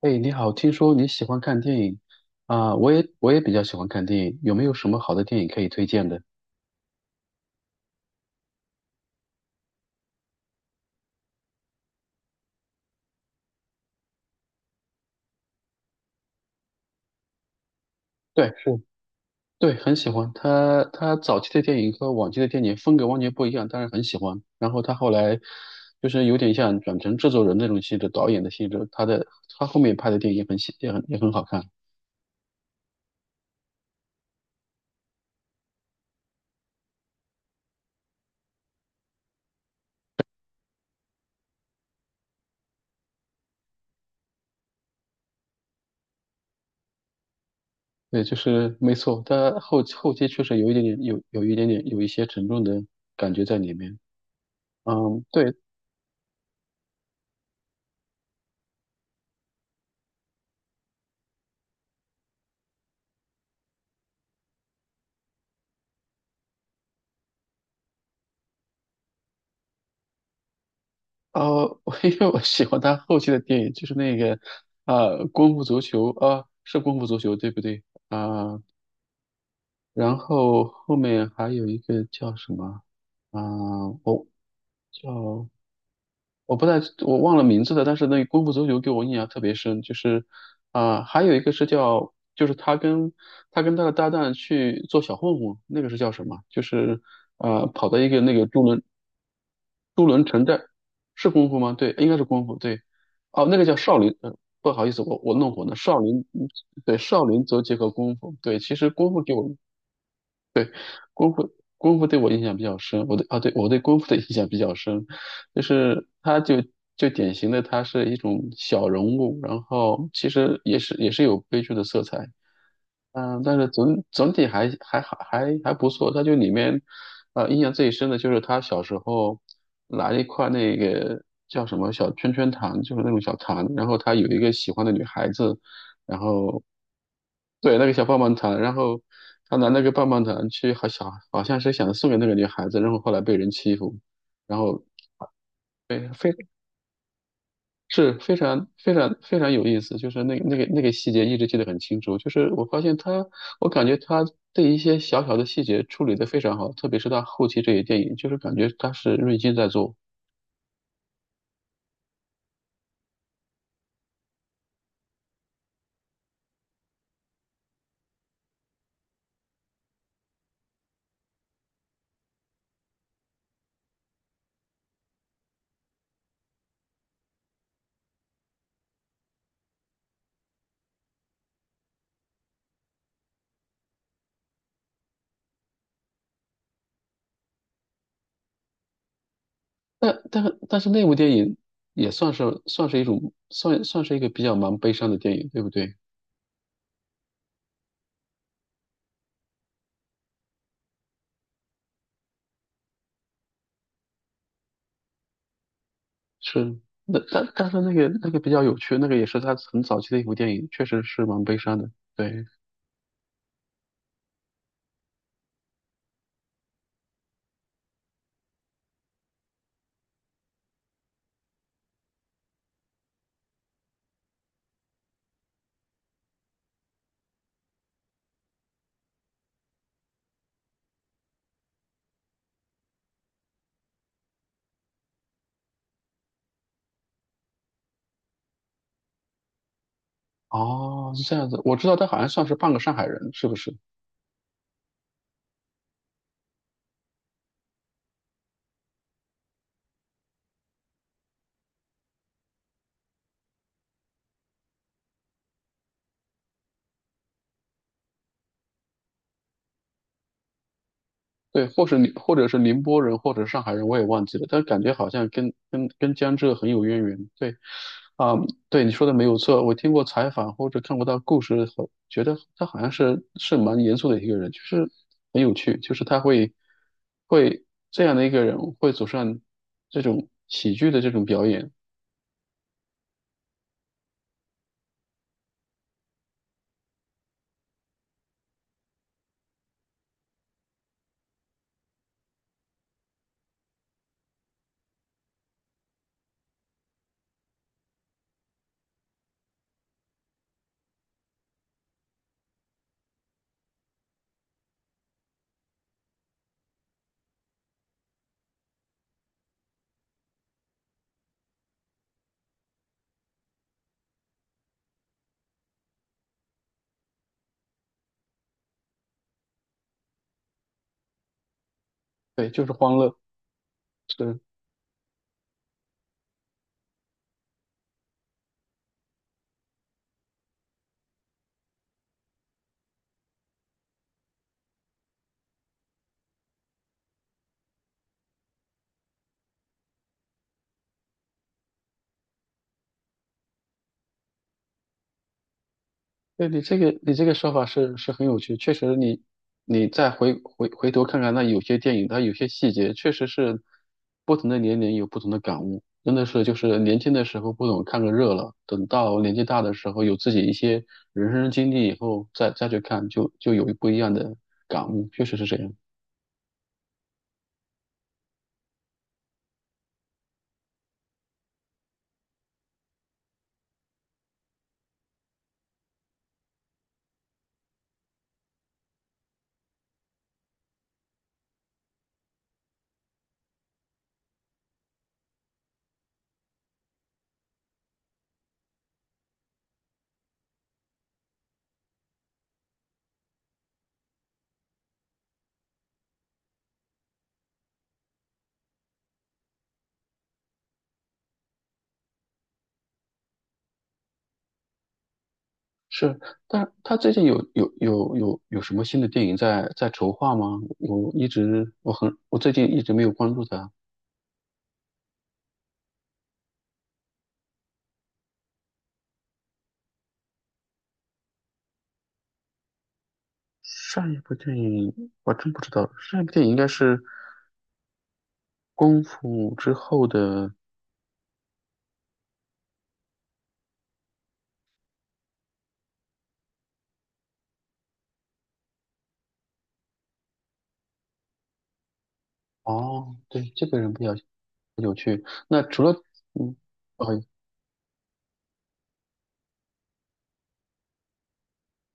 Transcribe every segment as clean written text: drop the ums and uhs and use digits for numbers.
哎，你好，听说你喜欢看电影。我也比较喜欢看电影，有没有什么好的电影可以推荐的？对，是。对，很喜欢。他早期的电影和往期的电影风格完全不一样，但是很喜欢。然后他后来就是有点像转成制作人那种性质，导演的性质。他后面拍的电影也很喜也很也很好看。对，就是没错，他后期确实有一些沉重的感觉在里面。嗯，对。哦，我因为我喜欢他后期的电影，就是那个功夫足球》啊，是《功夫足球》对不对？啊，然后后面还有一个叫什么？啊，我叫我不太我忘了名字了，但是那个《功夫足球》给我印象特别深，就是还有一个是叫，就是他跟他的搭档去做小混混，那个是叫什么？就是跑到一个那个渡轮城寨是功夫吗？对，应该是功夫。对。哦，那个叫少林。不好意思，我弄混了。少林，嗯。对，少林则结合功夫。对，其实功夫给我。功夫功夫对我印象比较深，我对功夫的印象比较深，就是他就就典型的他是一种小人物，然后其实也是有悲剧的色彩。嗯，但是总体还好还不错。他就里面，印象最深的就是他小时候拿一块那个叫什么小圈圈糖，就是那种小糖，然后他有一个喜欢的女孩子。然后对，那个小棒棒糖，然后他拿那个棒棒糖去，好像是想送给那个女孩子，然后后来被人欺负。然后对，非是非常非常非常有意思，就是那个细节一直记得很清楚，就是我发现他，我感觉他对一些小小的细节处理得非常好，特别是他后期这些电影，就是感觉他是瑞金在做。但但但是那部电影也算是算是一种算算是一个比较蛮悲伤的电影，对不对？是。那但是那个那个比较有趣，那个也是他很早期的一部电影，确实是蛮悲伤的。对。哦，是这样子，我知道他好像算是半个上海人，是不是？对，或者是宁波人，或者是上海人，我也忘记了，但感觉好像跟江浙很有渊源。对。啊、对你说的没有错，我听过采访或者看过他故事后，觉得他好像是蛮严肃的一个人，就是很有趣，就是他会会这样的一个人会走上这种喜剧的这种表演。对，就是欢乐，是。你这个说法是很有趣，确实你你再回头看看那有些电影，它有些细节确实是不同的年龄有不同的感悟，真的是就是年轻的时候不懂看个热闹，等到年纪大的时候有自己一些人生经历以后再去看就有不一样的感悟，确实是这样。是。但是他最近有什么新的电影在筹划吗？我最近一直没有关注他。上一部电影我真不知道，上一部电影应该是《功夫》之后的。哦，对，这个人比较有趣。那除了嗯。哦，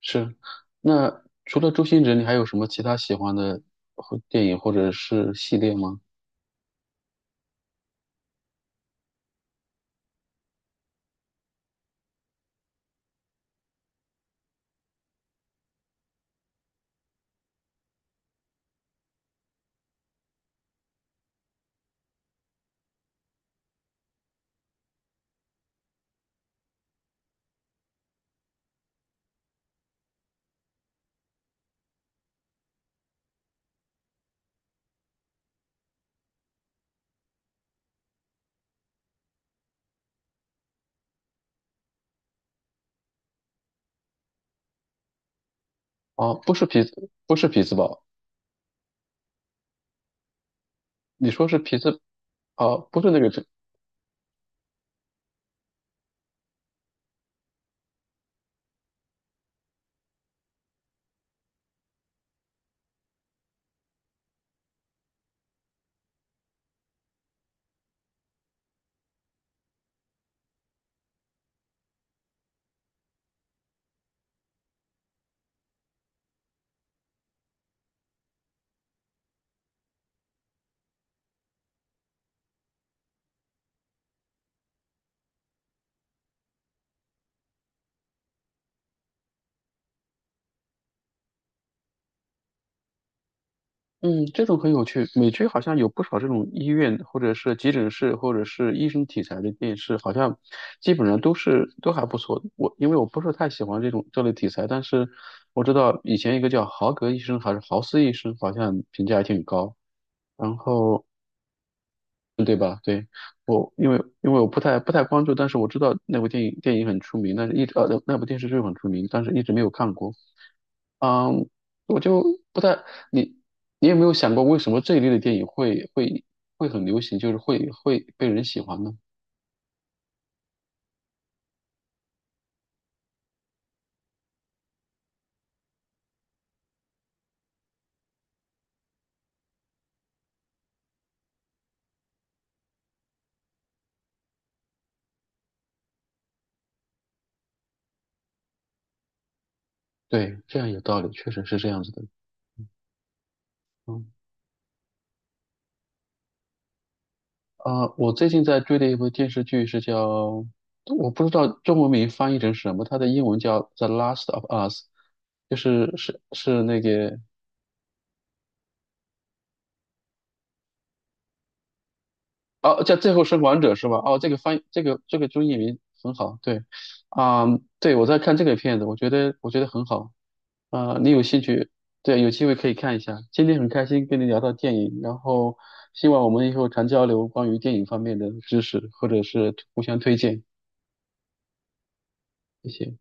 是。那除了周星驰，你还有什么其他喜欢的或电影或者是系列吗？哦，不是匹兹，不是匹兹堡。你说是匹兹？哦，不是那个嗯。这种很有趣。美剧好像有不少这种医院，或者是急诊室，或者是医生题材的电视，好像基本上都是都还不错。我因为我不喜欢这种这类题材，但是我知道以前一个叫豪格医生还是豪斯医生，好像评价还挺高。然后嗯，对吧？对。我因为因为我不太不太关注，但是我知道那部电影电影很出名，但是一直那部电视剧很出名，但是一直没有看过。嗯，我就不太。你有没有想过为什么这一类的电影会很流行，就是会被人喜欢呢？对，这样有道理，确实是这样子的。嗯。啊、我最近在追的一部电视剧是叫，我不知道中文名翻译成什么，它的英文叫《The Last of Us》，就是是那个。哦，叫《最后生还者》是吧？哦，这个翻译这个中译名很好。对。啊、对我在看这个片子，我觉得很好。啊，你有兴趣？对，有机会可以看一下。今天很开心跟你聊到电影，然后希望我们以后常交流关于电影方面的知识，或者是互相推荐。谢谢。